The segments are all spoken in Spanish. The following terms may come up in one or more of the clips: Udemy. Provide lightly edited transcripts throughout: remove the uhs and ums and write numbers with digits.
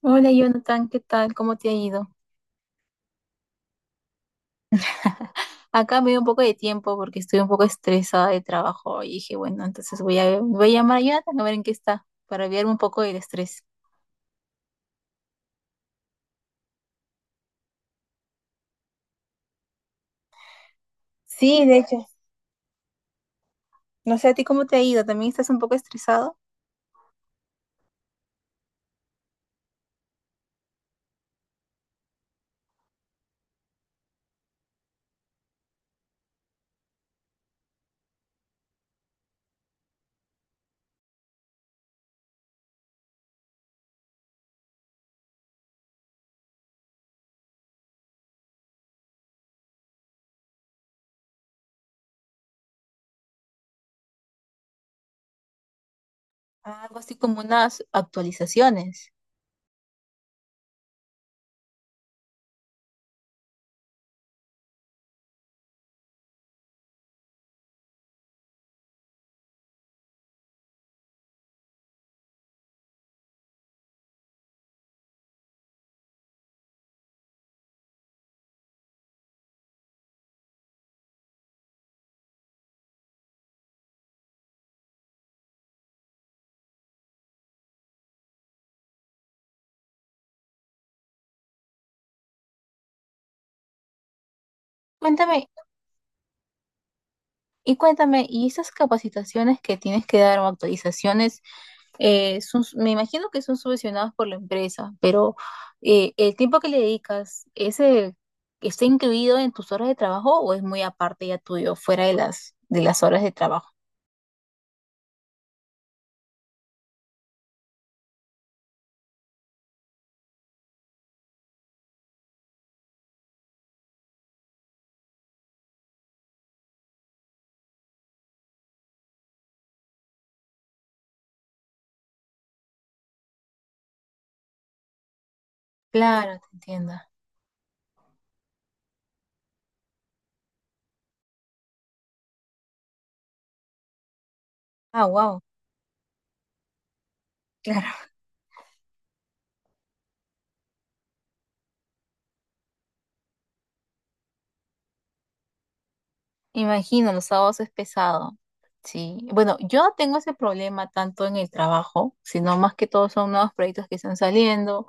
Hola Jonathan, ¿qué tal? ¿Cómo te ha ido? Acá me dio un poco de tiempo porque estoy un poco estresada de trabajo y dije, bueno, entonces voy a llamar a Jonathan a ver en qué está para aliviarme un poco del estrés. Sí, de hecho. No sé, ¿a ti cómo te ha ido? ¿También estás un poco estresado? Algo así como unas actualizaciones. Cuéntame, y cuéntame, ¿y esas capacitaciones que tienes que dar o actualizaciones, son, me imagino que son subvencionadas por la empresa, pero el tiempo que le dedicas, ¿ese está incluido en tus horas de trabajo o es muy aparte ya tuyo, fuera de de las horas de trabajo? Claro, te entiendo. Ah, wow, claro. Imagino, los sábados es pesado. Sí, bueno, yo no tengo ese problema tanto en el trabajo, sino más que todo son nuevos proyectos que están saliendo.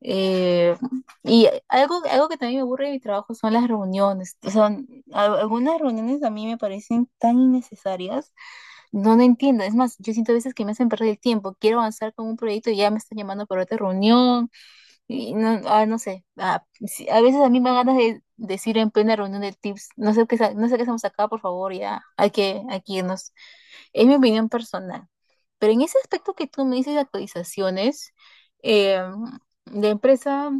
Eh, y algo que también me aburre de mi trabajo son las reuniones. O sea, algunas reuniones a mí me parecen tan innecesarias. No, no entiendo. Es más, yo siento a veces que me hacen perder el tiempo. Quiero avanzar con un proyecto y ya me están llamando para otra reunión. Y no, no sé, sí, a veces a mí me dan ganas de decir en plena reunión de tips, no sé qué, no sé qué hacemos acá, por favor, ya, hay que irnos. Es mi opinión personal. Pero en ese aspecto que tú me dices de actualizaciones, eh, la empresa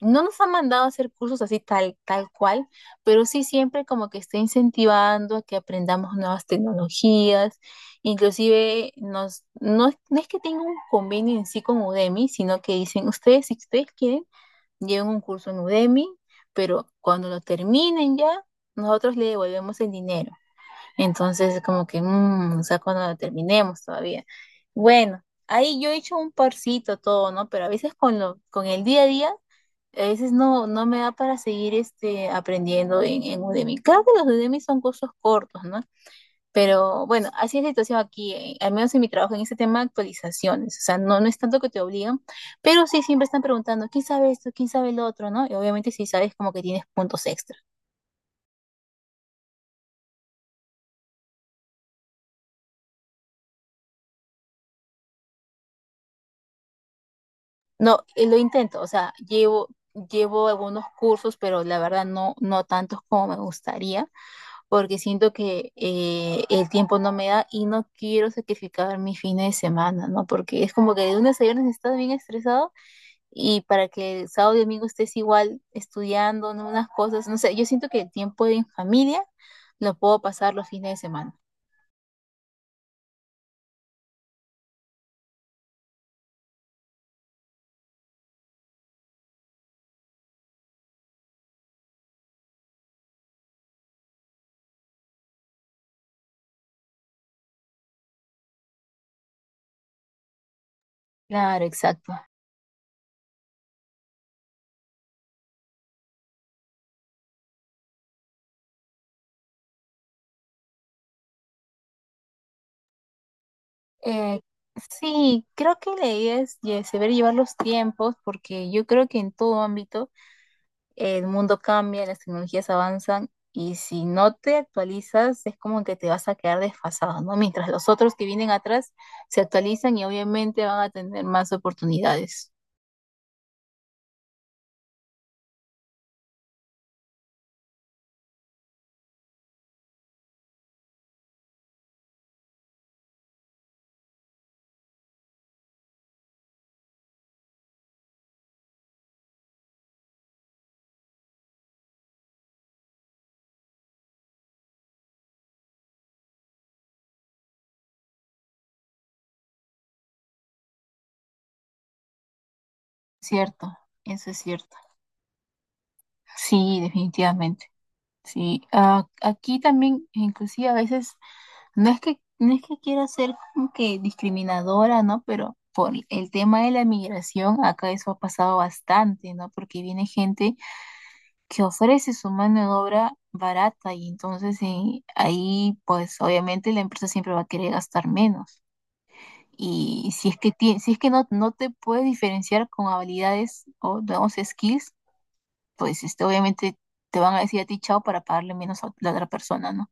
no nos han mandado a hacer cursos así tal, tal cual, pero sí siempre como que está incentivando a que aprendamos nuevas tecnologías. Inclusive nos, no, no es que tenga un convenio en sí con Udemy, sino que dicen, ustedes, si ustedes quieren, lleven un curso en Udemy, pero cuando lo terminen ya, nosotros le devolvemos el dinero. Entonces, como que, o sea, cuando lo terminemos todavía. Bueno, ahí yo he hecho un parcito todo, ¿no? Pero a veces con lo, con el día a día a veces no, no me da para seguir este, aprendiendo en Udemy. Claro que los Udemy son cursos cortos, ¿no? Pero bueno, así es la situación aquí, al menos en mi trabajo, en este tema de actualizaciones. O sea, no, no es tanto que te obligan, pero sí siempre están preguntando, ¿quién sabe esto? ¿Quién sabe lo otro? ¿No? Y obviamente si sabes como que tienes puntos extra. No, lo intento, o sea, llevo algunos cursos, pero la verdad no, no tantos como me gustaría, porque siento que el tiempo no me da y no quiero sacrificar mi fines de semana, ¿no? Porque es como que de lunes a viernes estás bien estresado y para que el sábado y domingo estés igual estudiando, ¿no? Unas cosas, no sé, yo siento que el tiempo en familia lo puedo pasar los fines de semana. Claro, exacto. Eh, sí, creo que la idea es saber llevar los tiempos porque yo creo que en todo ámbito el mundo cambia, las tecnologías avanzan y si no te actualizas es como que te vas a quedar desfasado, ¿no? Mientras los otros que vienen atrás se actualizan y obviamente van a tener más oportunidades. Cierto, eso es cierto. Sí, definitivamente. Sí, ah, aquí también inclusive a veces no es que quiera ser como que discriminadora, ¿no? Pero por el tema de la migración acá eso ha pasado bastante, ¿no? Porque viene gente que ofrece su mano de obra barata y entonces ahí pues obviamente la empresa siempre va a querer gastar menos. Y si es que, si es que no, no te puedes diferenciar con habilidades o digamos skills, pues este, obviamente te van a decir a ti chao para pagarle menos a la otra persona, ¿no?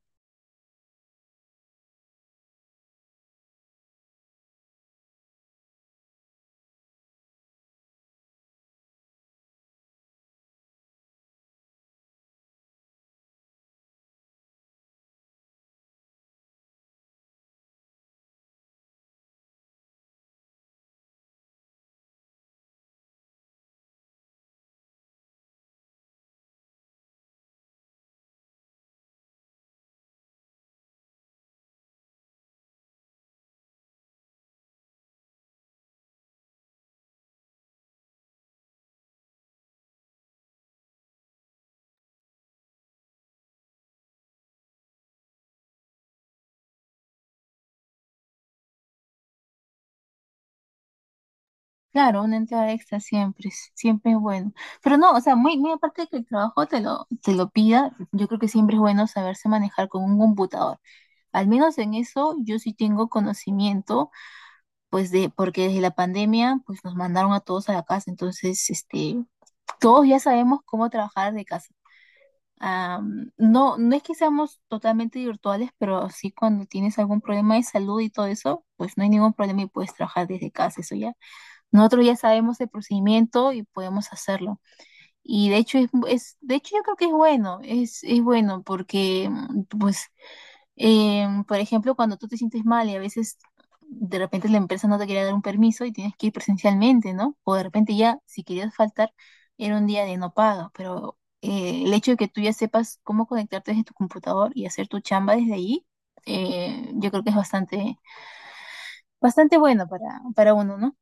Claro, una entrada extra siempre, siempre es bueno. Pero no, o sea, muy aparte de que el trabajo te lo pida, yo creo que siempre es bueno saberse manejar con un computador. Al menos en eso yo sí tengo conocimiento pues de, porque desde la pandemia, pues nos mandaron a todos a la casa, entonces, este, todos ya sabemos cómo trabajar de casa. No, no es que seamos totalmente virtuales, pero sí cuando tienes algún problema de salud y todo eso, pues no hay ningún problema y puedes trabajar desde casa, eso ya. Nosotros ya sabemos el procedimiento y podemos hacerlo. Y es de hecho yo creo que es bueno, es bueno porque pues por ejemplo, cuando tú te sientes mal y a veces de repente la empresa no te quería dar un permiso y tienes que ir presencialmente, ¿no? O de repente ya, si querías faltar, era un día de no paga, pero el hecho de que tú ya sepas cómo conectarte desde tu computador y hacer tu chamba desde ahí, yo creo que bastante bueno para uno, ¿no?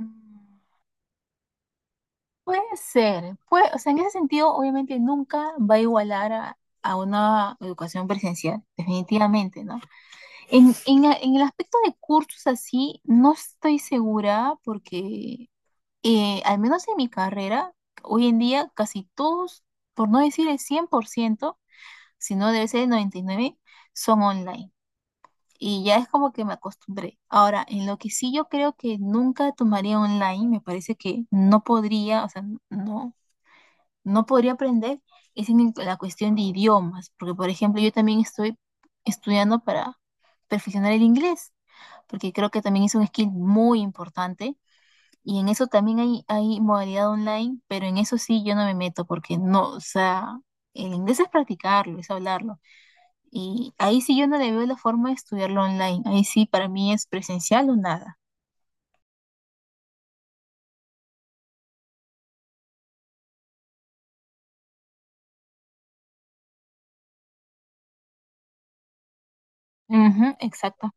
Mm, puede ser, puede, o sea, en ese sentido, obviamente nunca va a igualar a una educación presencial, definitivamente, ¿no? En, en el aspecto de cursos así, no estoy segura porque al menos en mi carrera, hoy en día casi todos, por no decir el 100%, si no debe ser el 99%, son online. Y ya es como que me acostumbré. Ahora, en lo que sí yo creo que nunca tomaría online, me parece que no podría, o sea, no, no podría aprender, es en la cuestión de idiomas, porque por ejemplo yo también estoy estudiando para perfeccionar el inglés porque creo que también es un skill muy importante. Y en eso también hay modalidad online, pero en eso sí yo no me meto porque no, o sea, el inglés es practicarlo, es hablarlo. Y ahí sí yo no le veo la forma de estudiarlo online. Ahí sí para mí es presencial o nada. Ujú, exacto.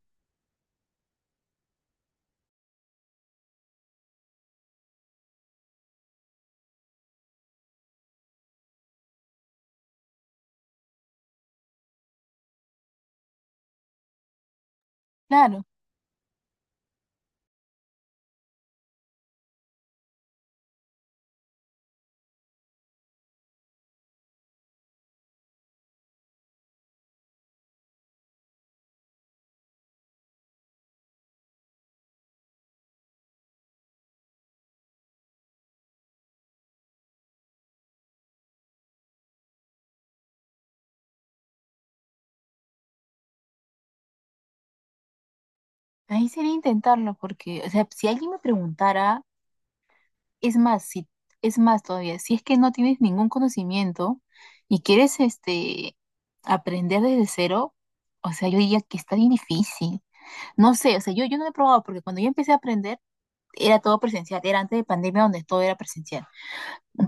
Claro, ahí sería intentarlo porque, o sea, si alguien me preguntara, es más, si, es más todavía, si es que no tienes ningún conocimiento y quieres este aprender desde cero, o sea, yo diría que está bien difícil. No sé, o sea, yo no lo he probado porque cuando yo empecé a aprender era todo presencial, era antes de pandemia donde todo era presencial.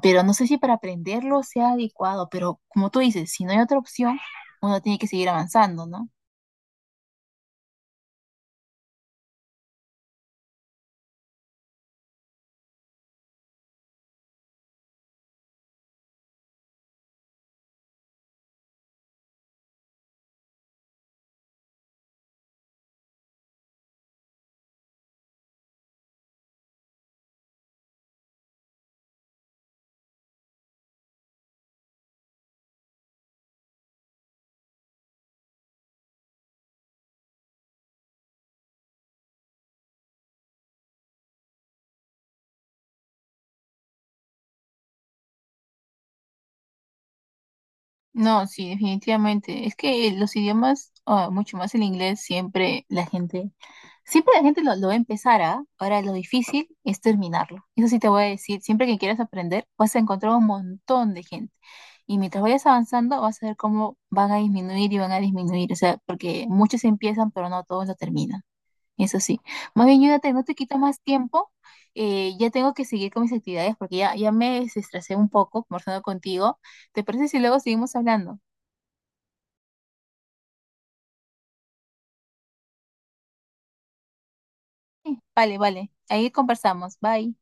Pero no sé si para aprenderlo sea adecuado, pero como tú dices, si no hay otra opción, uno tiene que seguir avanzando, ¿no? No, sí, definitivamente. Es que los idiomas, ah, mucho más el inglés, siempre la gente, siempre la gente lo va a empezar, ¿ah? Ahora lo difícil es terminarlo. Eso sí te voy a decir, siempre que quieras aprender, vas a encontrar un montón de gente. Y mientras vayas avanzando, vas a ver cómo van a disminuir y van a disminuir. O sea, porque muchos empiezan, pero no todos lo terminan. Eso sí. Más bien, Jonathan, no te quito más tiempo. Ya tengo que seguir con mis actividades porque ya, ya me estresé un poco conversando contigo. ¿Te parece si luego seguimos hablando? Sí, vale, vale. Ahí conversamos. Bye.